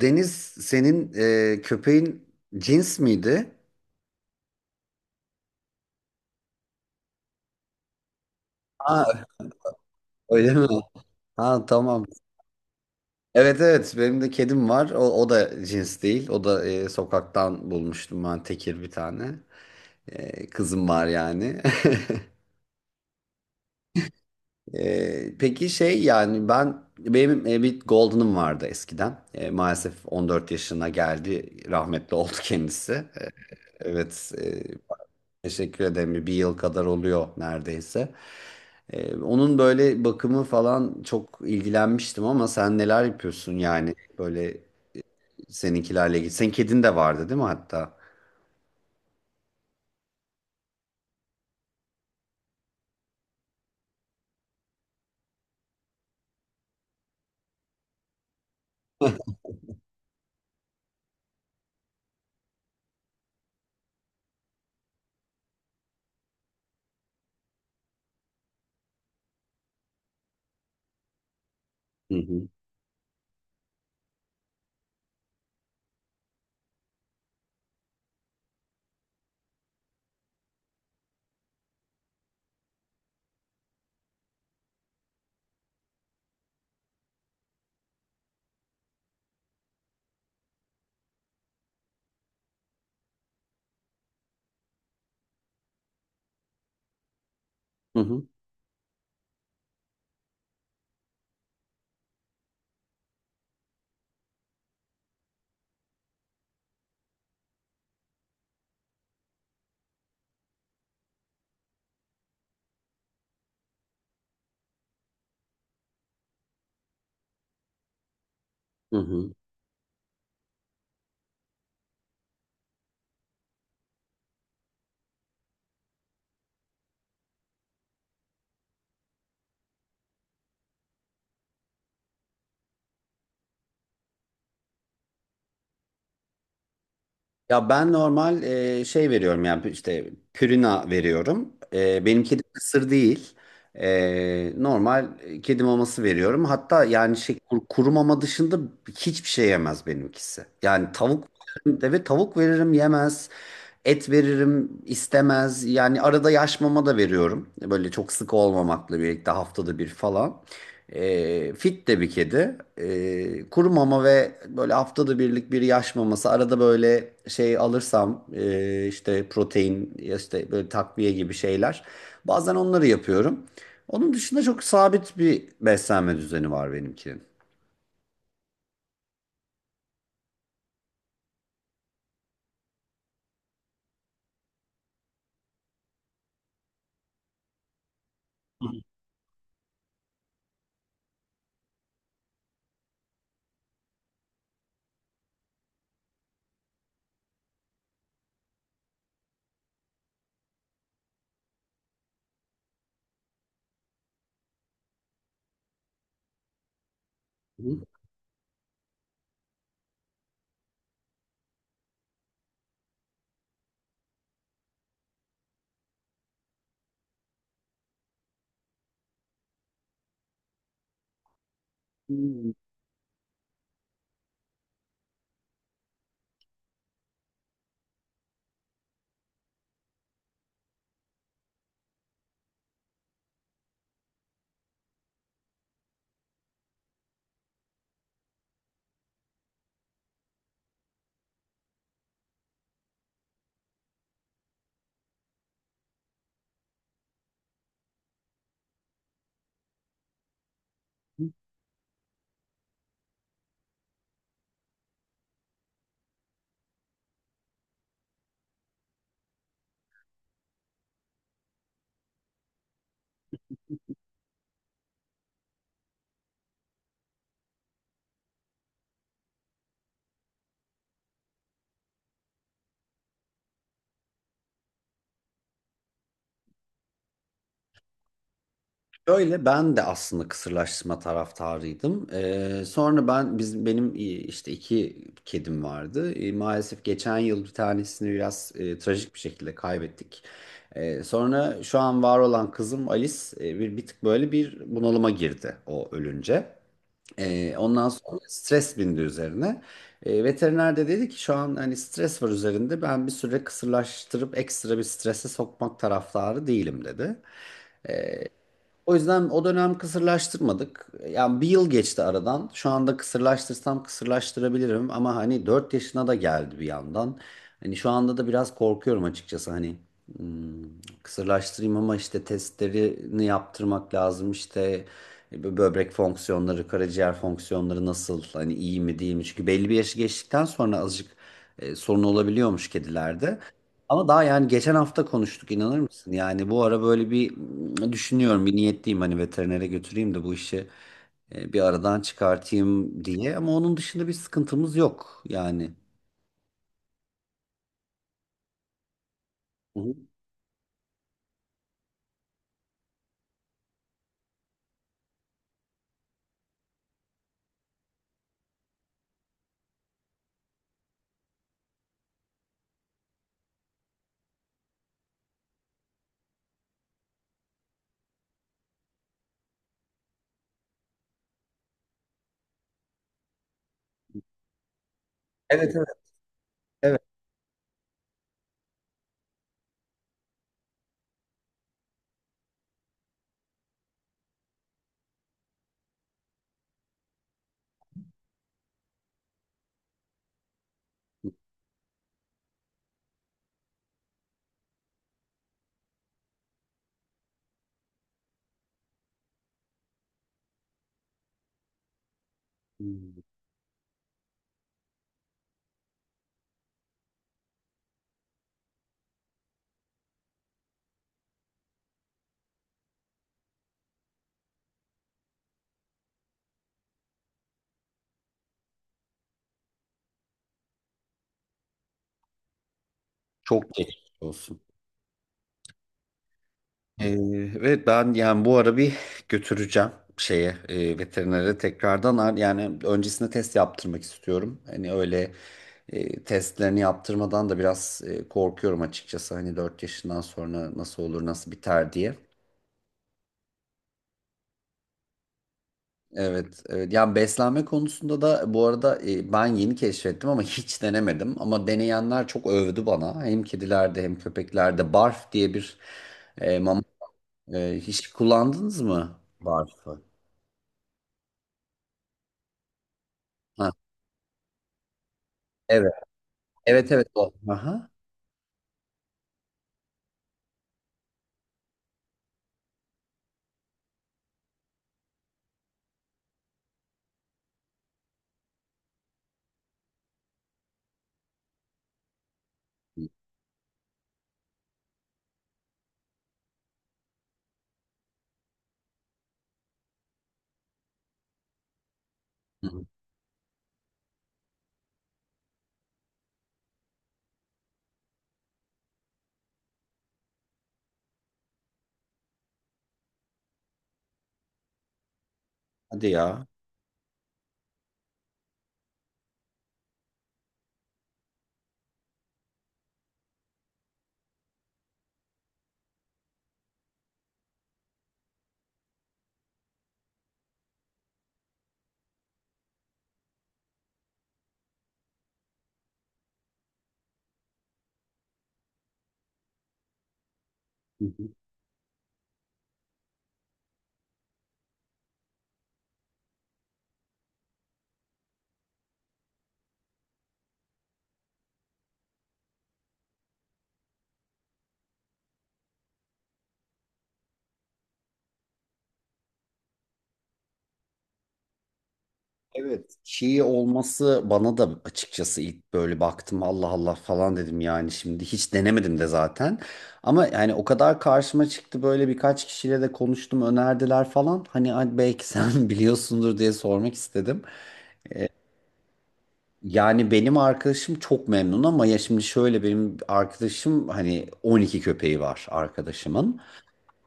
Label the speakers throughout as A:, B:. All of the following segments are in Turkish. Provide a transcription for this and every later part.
A: Deniz, senin köpeğin cins miydi? Ha, öyle mi? Ha, tamam. Evet, evet, benim de kedim var. O, o da cins değil. O da sokaktan bulmuştum ben, tekir bir tane. Kızım var yani. Peki şey, yani ben benim bir Golden'ım vardı eskiden. E, maalesef 14 yaşına geldi. Rahmetli oldu kendisi. Evet e, Teşekkür ederim. Bir yıl kadar oluyor neredeyse. Onun böyle bakımı falan çok ilgilenmiştim ama sen neler yapıyorsun yani böyle seninkilerle ilgili? Senin kedin de vardı değil mi hatta? Hı hı. Hı hı. Hı hı. Ya ben normal şey veriyorum yani işte, pürina veriyorum. E, benim kedim kısır değil. Normal kedi maması veriyorum. Hatta yani şey, kuru mama dışında hiçbir şey yemez benimkisi. Yani tavuk, evet, tavuk veririm yemez. Et veririm istemez. Yani arada yaş mama da veriyorum. Böyle çok sık olmamakla birlikte, haftada bir falan. E, fit de bir kedi. E, kuru mama ve böyle haftada birlik bir yaş maması. Arada böyle şey alırsam işte protein, ya işte böyle takviye gibi şeyler. Bazen onları yapıyorum. Onun dışında çok sabit bir beslenme düzeni var benimkinin. Hı. Şöyle, ben de aslında kısırlaştırma taraftarıydım. Sonra benim işte iki kedim vardı. E, maalesef geçen yıl bir tanesini biraz trajik bir şekilde kaybettik. E, sonra şu an var olan kızım Alice bir tık böyle bir bunalıma girdi o ölünce. E, ondan sonra stres bindi üzerine. E, veteriner de dedi ki şu an hani stres var üzerinde, ben bir süre kısırlaştırıp ekstra bir strese sokmak taraftarı değilim dedi. O yüzden o dönem kısırlaştırmadık. Yani bir yıl geçti aradan. Şu anda kısırlaştırsam kısırlaştırabilirim ama hani 4 yaşına da geldi bir yandan. Hani şu anda da biraz korkuyorum açıkçası, hani kısırlaştırayım ama işte testlerini yaptırmak lazım. İşte böbrek fonksiyonları, karaciğer fonksiyonları nasıl, hani iyi mi değil mi? Çünkü belli bir yaşı geçtikten sonra azıcık sorun olabiliyormuş kedilerde. Ama daha, yani geçen hafta konuştuk, inanır mısın? Yani bu ara böyle bir, düşünüyorum, bir niyetliyim hani veterinere götüreyim de bu işi bir aradan çıkartayım diye. Ama onun dışında bir sıkıntımız yok yani. Hı hı. Evet, evet, evet. Hmm. Çok geçmiş olsun. Ee, Ve ben yani bu ara bir götüreceğim şeye, veterinere tekrardan. Yani öncesinde test yaptırmak istiyorum. Hani öyle testlerini yaptırmadan da biraz korkuyorum açıkçası. Hani 4 yaşından sonra nasıl olur nasıl biter diye. Evet, evet. Yani beslenme konusunda da bu arada ben yeni keşfettim ama hiç denemedim. Ama deneyenler çok övdü bana. Hem kedilerde hem köpeklerde Barf diye bir mama, hiç kullandınız mı Barf'ı? Ha, evet. Evet, evet, o. Aha. Hı hı. Hadi ya. Hı hı. Evet. Çiğ olması bana da açıkçası, ilk böyle baktım Allah Allah falan dedim, yani şimdi hiç denemedim de zaten. Ama yani o kadar karşıma çıktı, böyle birkaç kişiyle de konuştum, önerdiler falan. Hani, "Ay, belki sen biliyorsundur" diye sormak istedim. Yani benim arkadaşım çok memnun ama ya şimdi şöyle, benim arkadaşım hani 12 köpeği var arkadaşımın.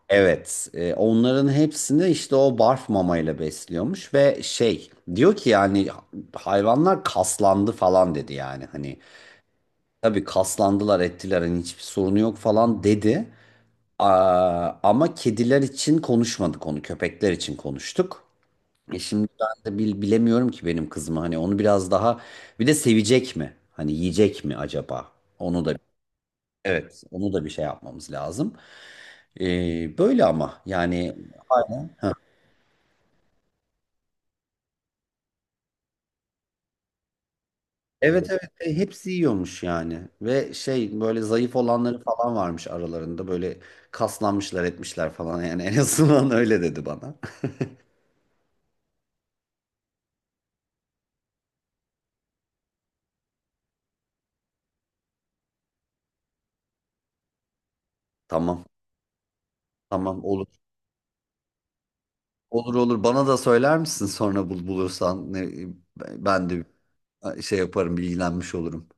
A: Evet, onların hepsini işte o barf mamayla besliyormuş ve şey, diyor ki yani hayvanlar kaslandı falan dedi, yani hani tabii kaslandılar ettiler, hani hiçbir sorunu yok falan dedi. Aa, ama kediler için konuşmadık onu, köpekler için konuştuk. E şimdi ben de bilemiyorum ki benim kızımı, hani onu biraz daha bir de sevecek mi? Hani yiyecek mi acaba? Onu da, evet, onu da bir şey yapmamız lazım. E, böyle ama yani... Evet, evet. E, hepsi yiyormuş yani ve şey, böyle zayıf olanları falan varmış aralarında, böyle kaslanmışlar etmişler falan yani, en azından öyle dedi bana. Tamam, tamam, olur, olur, olur, bana da söyler misin sonra, bulursan ne, ben de şey yaparım, bilgilenmiş olurum.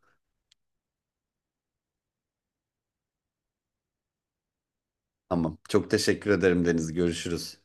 A: Tamam, çok teşekkür ederim Deniz, görüşürüz.